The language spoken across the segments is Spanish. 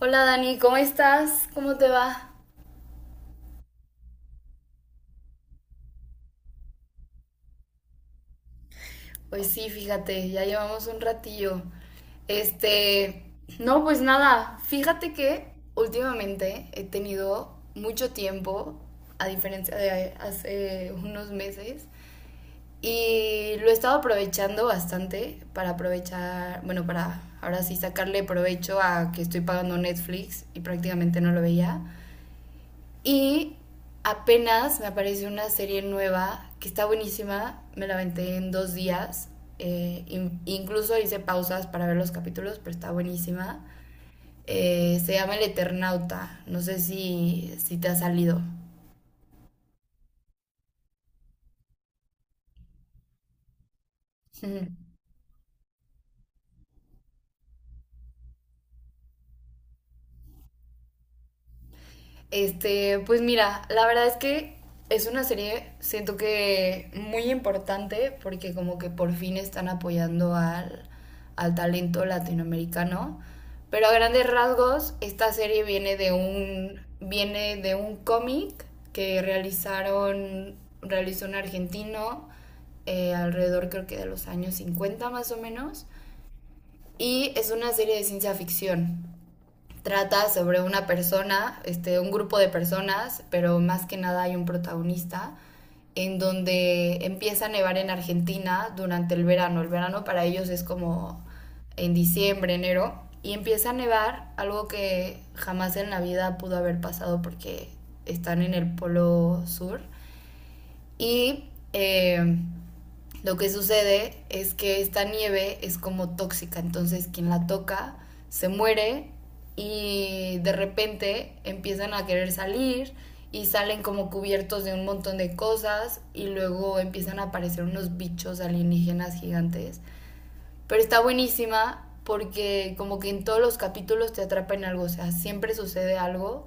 Hola Dani, ¿cómo estás? ¿Cómo te va? Pues sí, fíjate, ya llevamos un ratillo. Este, no, pues nada, fíjate que últimamente he tenido mucho tiempo, a diferencia de hace unos meses, y lo he estado aprovechando bastante para aprovechar, bueno, para ahora sí sacarle provecho a que estoy pagando Netflix y prácticamente no lo veía. Y apenas me apareció una serie nueva que está buenísima, me la aventé en 2 días, eh, incluso hice pausas para ver los capítulos, pero está buenísima. Se llama El Eternauta, no sé si te ha salido. Pues mira, la verdad es que es una serie, siento que muy importante porque como que por fin están apoyando al talento latinoamericano. Pero a grandes rasgos, esta serie viene de un cómic que realizó un argentino, alrededor creo que de los años 50 más o menos. Y es una serie de ciencia ficción, trata sobre una persona, un grupo de personas, pero más que nada hay un protagonista, en donde empieza a nevar en Argentina durante el verano. El verano para ellos es como en diciembre, enero, y empieza a nevar, algo que jamás en la vida pudo haber pasado porque están en el polo sur. Y eh, lo que sucede es que esta nieve es como tóxica, entonces quien la toca se muere y de repente empiezan a querer salir y salen como cubiertos de un montón de cosas y luego empiezan a aparecer unos bichos alienígenas gigantes. Pero está buenísima porque como que en todos los capítulos te atrapa en algo, o sea, siempre sucede algo,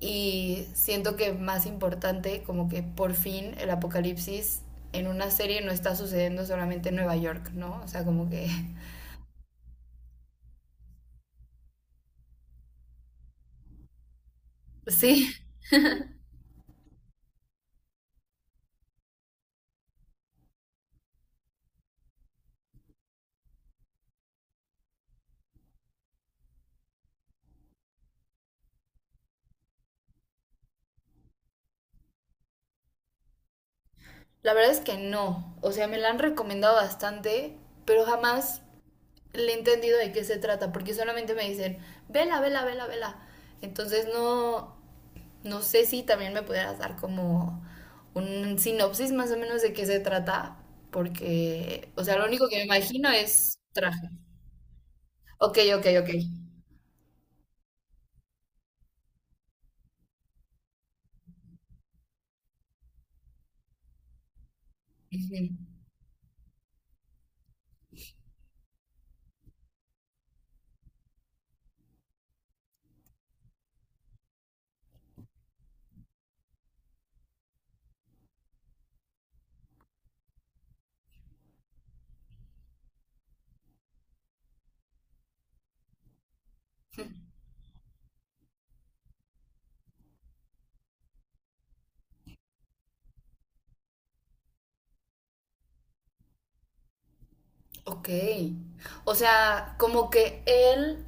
y siento que más importante, como que por fin el apocalipsis en una serie no está sucediendo solamente en Nueva York, ¿no? O sea, como que... Sí, la verdad es que no. O sea, me la han recomendado bastante, pero jamás le he entendido de qué se trata, porque solamente me dicen, vela, vela, vela, vela. Entonces no, no sé si también me pudieras dar como un sinopsis más o menos de qué se trata, porque, o sea, lo único que me imagino es traje. Ok, ok, ok. Ujú. Ok. O sea, como que él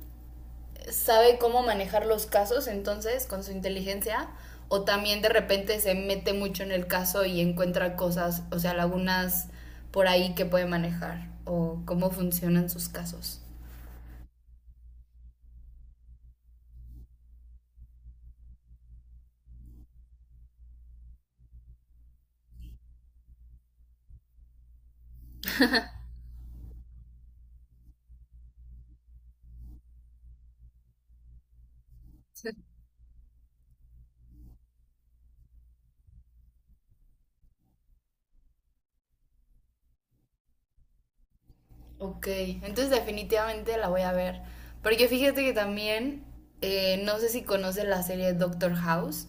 sabe cómo manejar los casos, entonces, con su inteligencia, o también de repente se mete mucho en el caso y encuentra cosas, o sea, lagunas por ahí que puede manejar, o cómo funcionan sus casos. Ok, entonces definitivamente la voy a ver. Porque fíjate que también, no sé si conoces la serie Doctor House.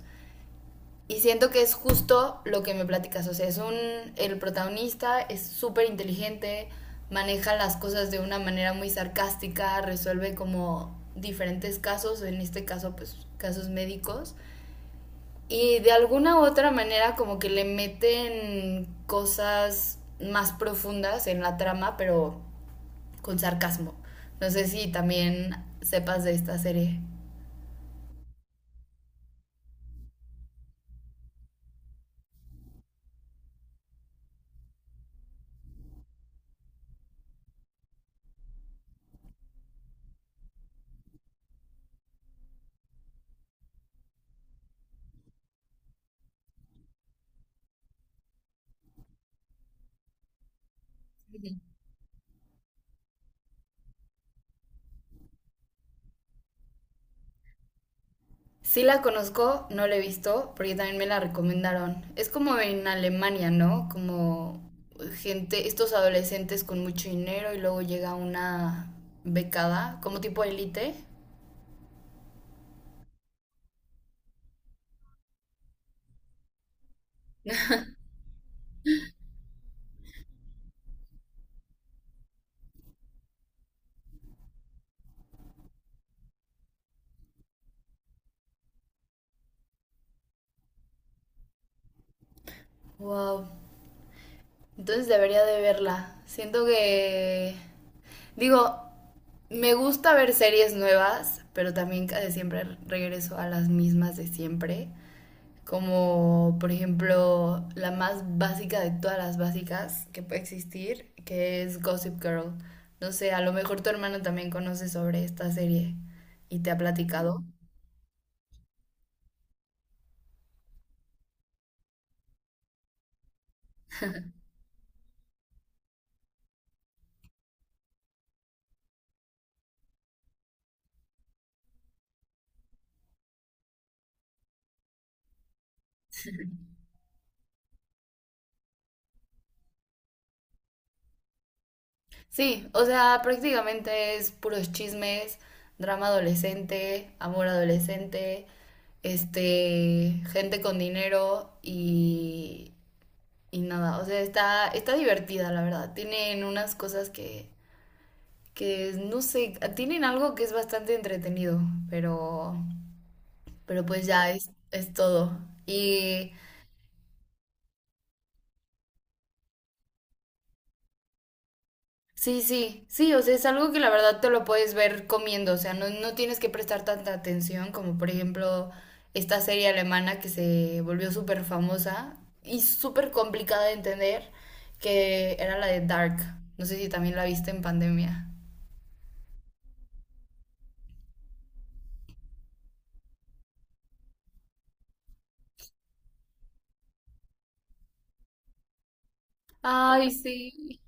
Y siento que es justo lo que me platicas, o sea, el protagonista es súper inteligente, maneja las cosas de una manera muy sarcástica, resuelve como diferentes casos, en este caso pues casos médicos, y de alguna u otra manera como que le meten cosas más profundas en la trama, pero con sarcasmo. No sé si también sepas de esta serie. Sí la conozco, no la he visto, porque también me la recomendaron. Es como en Alemania, ¿no? Como gente, estos adolescentes con mucho dinero y luego llega una becada, como tipo élite. Wow. Entonces debería de verla. Siento que, digo, me gusta ver series nuevas, pero también casi siempre regreso a las mismas de siempre. Como por ejemplo la más básica de todas las básicas que puede existir, que es Gossip Girl. No sé, a lo mejor tu hermano también conoce sobre esta serie y te ha platicado. Sí, o sea, prácticamente es puros chismes, drama adolescente, amor adolescente, gente con dinero y nada. O sea, está divertida, la verdad. Tienen unas cosas que no sé, tienen algo que es bastante entretenido, pero, pero pues ya es todo. Y sí, sí, sí, o sea, es algo que la verdad te lo puedes ver comiendo, o sea, no, no tienes que prestar tanta atención como por ejemplo esta serie alemana que se volvió súper famosa y súper complicada de entender, que era la de Dark. No sé si también la viste en pandemia. Ay, sí.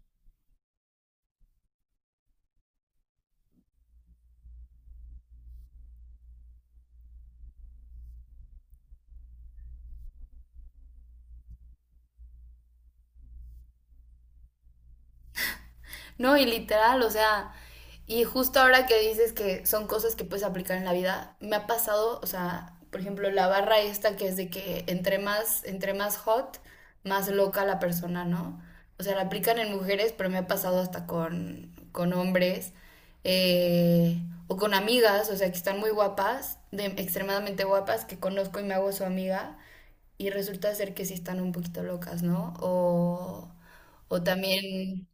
No, y literal, o sea, y justo ahora que dices que son cosas que puedes aplicar en la vida, me ha pasado, o sea, por ejemplo, la barra esta que es de que entre más hot, más loca la persona, ¿no? O sea, la aplican en mujeres, pero me ha pasado hasta con hombres, eh, o con amigas, o sea, que están muy guapas, extremadamente guapas, que conozco y me hago su amiga, y resulta ser que sí están un poquito locas, ¿no? O también.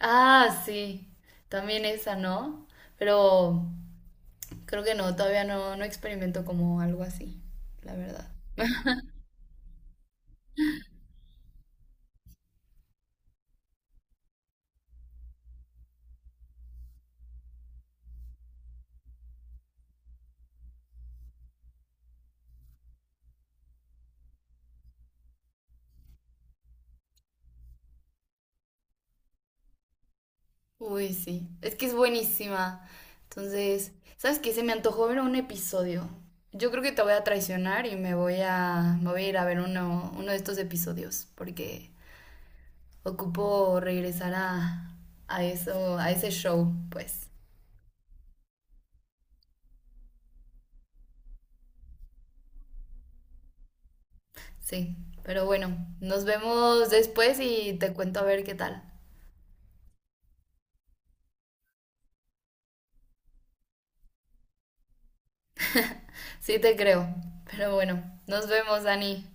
Ah, sí, también esa, ¿no? Pero creo que no, todavía no, no experimento como algo así, la verdad. Uy, sí, es que es buenísima. Entonces, ¿sabes qué? Se me antojó ver un episodio. Yo creo que te voy a traicionar y me voy a ir a ver uno de estos episodios, porque ocupo regresar a ese show, pues. Sí, pero bueno, nos vemos después y te cuento a ver qué tal. Sí te creo. Pero bueno, nos vemos, Dani.